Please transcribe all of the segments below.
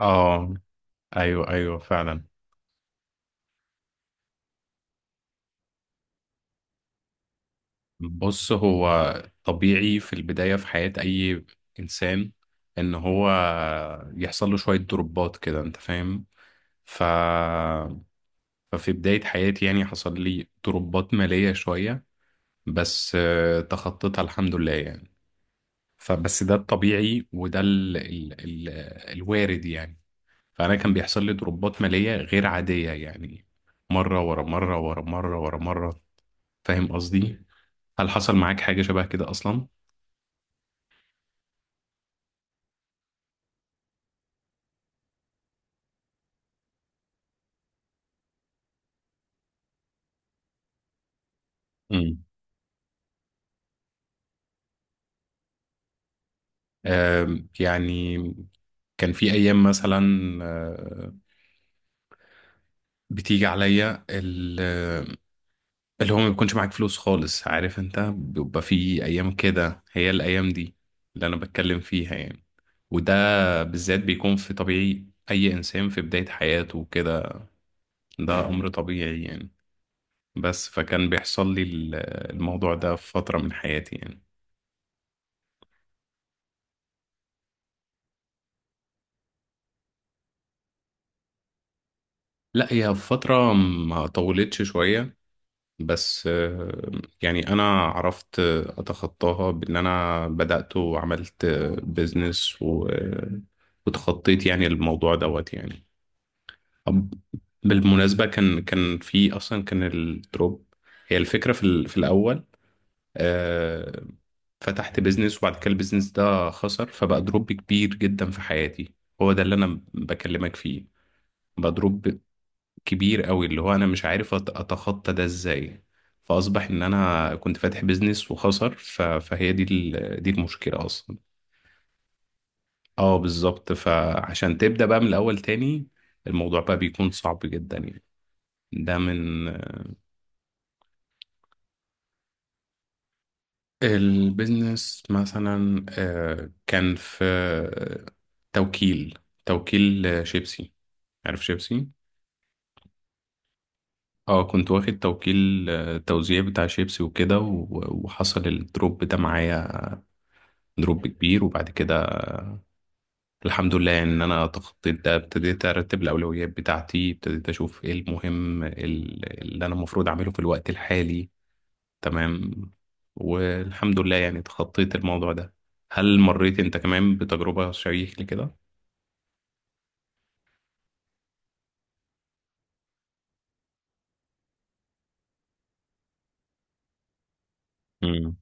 اه، ايوه، ايوه، فعلا. بص، هو طبيعي في البداية في حياة اي انسان ان هو يحصل له شوية دروبات كده، انت فاهم. ف... ففي بداية حياتي يعني حصل لي دروبات مالية شوية، بس تخطيتها الحمد لله يعني. فبس ده الطبيعي، وده الوارد يعني. فأنا كان بيحصل لي دروبات مالية غير عادية يعني، مرة ورا مرة ورا مرة ورا مرة. فاهم قصدي؟ هل حصل معاك حاجة شبه كده أصلا؟ امم يعني كان في أيام مثلا، آه، بتيجي عليا اللي هو ما بيكونش معاك فلوس خالص. عارف أنت، بيبقى في أيام كده. هي الأيام دي اللي أنا بتكلم فيها يعني. وده بالذات بيكون في طبيعي أي إنسان في بداية حياته وكده. ده أمر طبيعي يعني. بس فكان بيحصل لي الموضوع ده في فترة من حياتي يعني. لا، هي فترة ما طولتش شوية، بس يعني انا عرفت اتخطاها بان انا بدأت وعملت بيزنس وتخطيت يعني الموضوع دوت يعني. طب، بالمناسبة كان في اصلا، كان الدروب هي الفكرة في الاول. آه، فتحت بيزنس وبعد كده البيزنس ده خسر، فبقى دروب كبير جدا في حياتي. هو ده اللي انا بكلمك فيه. بقى دروب كبير قوي، اللي هو انا مش عارف اتخطى ده ازاي. فاصبح ان انا كنت فاتح بيزنس وخسر. فهي دي دي المشكلة اصلا. اه بالظبط، فعشان تبدأ بقى من الاول تاني الموضوع بقى بيكون صعب جدا يعني. ده من. البيزنس مثلا كان في توكيل توكيل شيبسي. عارف شيبسي؟ اه، كنت واخد توكيل توزيع بتاع شيبسي وكده وحصل الدروب ده معايا. دروب كبير. وبعد كده الحمد لله ان انا تخطيت ده، ابتديت ارتب الاولويات بتاعتي، ابتديت اشوف ايه المهم اللي انا المفروض اعمله في الوقت الحالي. تمام. والحمد لله يعني تخطيت الموضوع ده. هل مريت انت كمان بتجربة شبيهة لكده؟ امم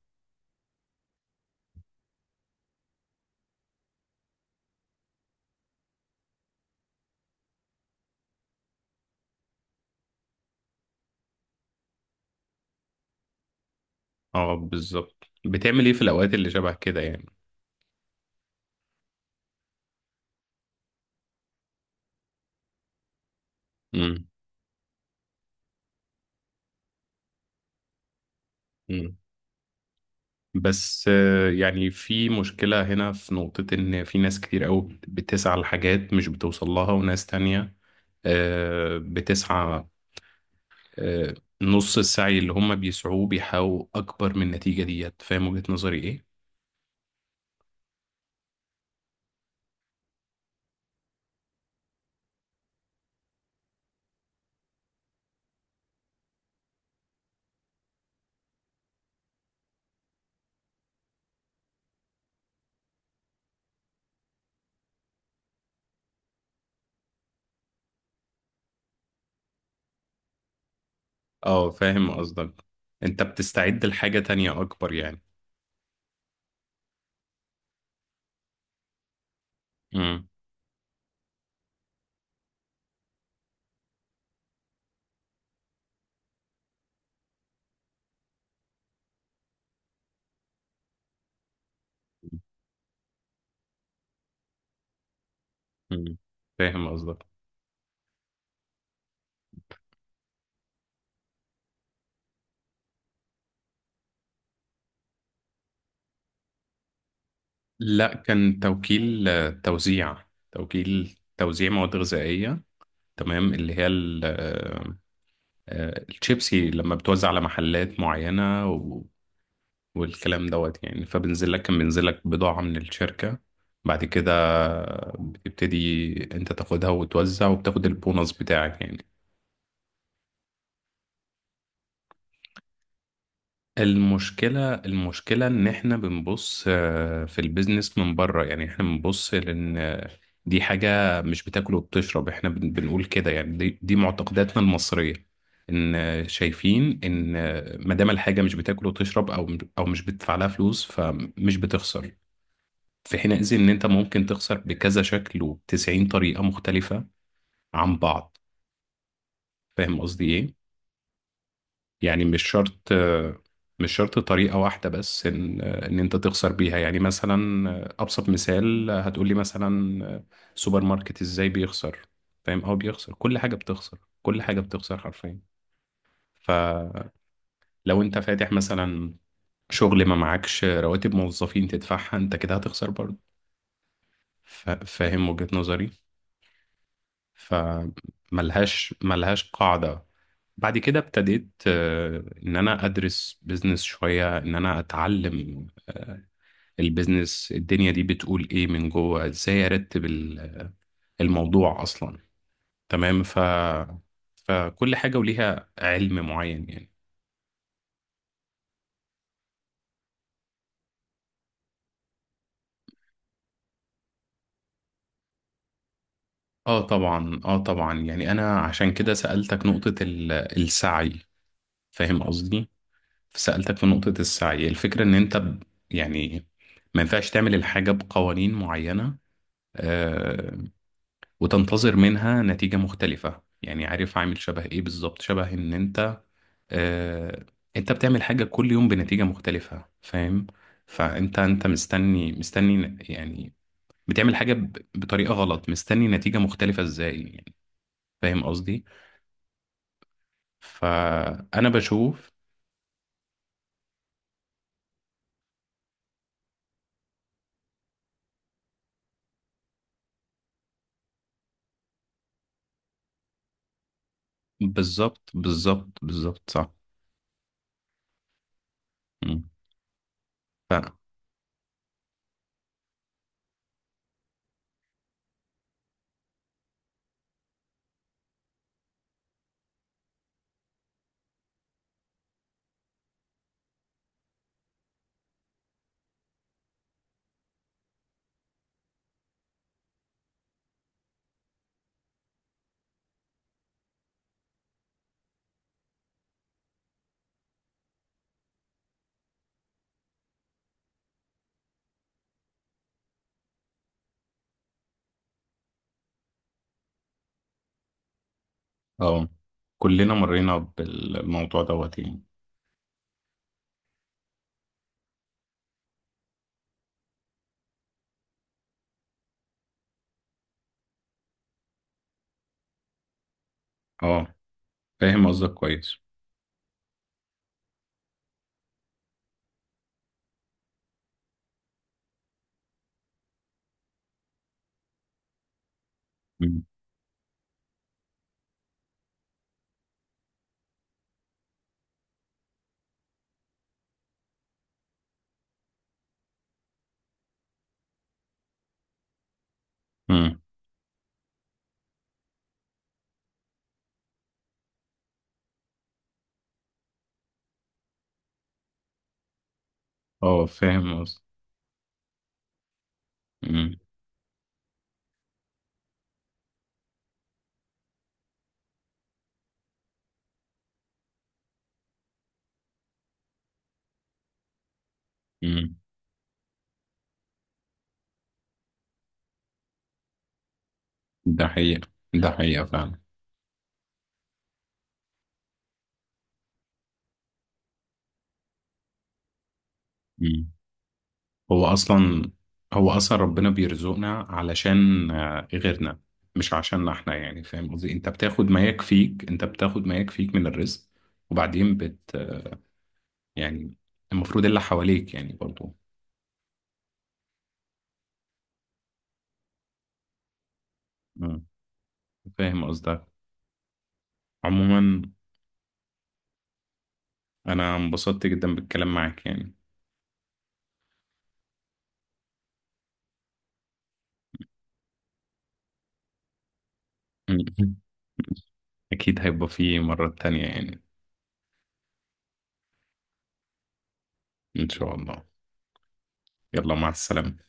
اه بالظبط. بتعمل ايه في الاوقات اللي شبه كده يعني؟ امم امم بس يعني في مشكلة هنا في نقطة ان في ناس كتير قوي بتسعى لحاجات مش بتوصل لها، وناس تانية بتسعى آه، نص السعي اللي هم بيسعوه بيحققوا أكبر من النتيجة ديت. فاهم وجهة نظري إيه؟ اه فاهم قصدك. أنت بتستعد لحاجة تانية أكبر يعني. امم امم فاهم قصدك. لا، كان توكيل توزيع. توكيل توزيع مواد غذائية. تمام. اللي هي الشيبسي لما بتوزع على محلات معينة والكلام دوت يعني. فبنزل لك كان بينزل لك بضاعة من الشركة. بعد كده بتبتدي انت تاخدها وتوزع وبتاخد البونص بتاعك يعني. المشكلة المشكلة ان احنا بنبص في البيزنس من بره يعني. احنا بنبص لان دي حاجة مش بتاكل وبتشرب. احنا بنقول كده يعني، دي معتقداتنا المصرية. ان شايفين ان ما دام الحاجة مش بتاكل وتشرب او مش بتدفع لها فلوس، فمش بتخسر. في حينئذ ان انت ممكن تخسر بكذا شكل وبتسعين طريقة مختلفة عن بعض. فاهم قصدي ايه؟ يعني مش شرط، مش شرط طريقة واحدة بس ان انت تخسر بيها. يعني مثلا ابسط مثال هتقولي مثلا، سوبر ماركت ازاي بيخسر. فاهم؟ او بيخسر كل حاجة، بتخسر كل حاجة، بتخسر حرفيا. فلو انت فاتح مثلا شغل ما معكش رواتب موظفين تدفعها، انت كده هتخسر برضه. فاهم وجهة نظري؟ فملهاش، ملهاش قاعدة. بعد كده ابتديت ان انا ادرس بيزنس شوية، ان انا اتعلم البيزنس الدنيا دي بتقول ايه من جوه، ازاي ارتب الموضوع اصلا. تمام. فكل حاجة وليها علم معين يعني. اه طبعا، اه طبعا. يعني انا عشان كده سألتك نقطة السعي. فاهم قصدي؟ سألتك في نقطة السعي. الفكرة إن أنت يعني ما ينفعش تعمل الحاجة بقوانين معينة آه، وتنتظر منها نتيجة مختلفة. يعني عارف عامل شبه إيه بالظبط؟ شبه إن آه، أنت بتعمل حاجة كل يوم بنتيجة مختلفة. فاهم؟ فأنت مستني، مستني يعني بتعمل حاجة بطريقة غلط، مستني نتيجة مختلفة إزاي يعني؟ فاهم قصدي؟ فأنا بشوف. بالظبط بالظبط بالظبط، صح. مم. اه، كلنا مرينا بالموضوع دوت يعني. اه فاهم قصدك كويس. مم. مم. اه فاهم قصدك. مم. مم. ده حقيقة. ده حقيقة فعلا. مم. هو أصلا، هو أصلا ربنا بيرزقنا علشان غيرنا، مش عشاننا احنا يعني. فاهم قصدي؟ انت بتاخد ما يكفيك، انت بتاخد ما يكفيك من الرزق، وبعدين يعني المفروض اللي حواليك يعني برضو. مم. فاهم قصدك. عموما انا انبسطت جدا بالكلام معاك يعني. أكيد هيبقى في مرة تانية يعني. إن شاء الله. يلا، مع السلامة.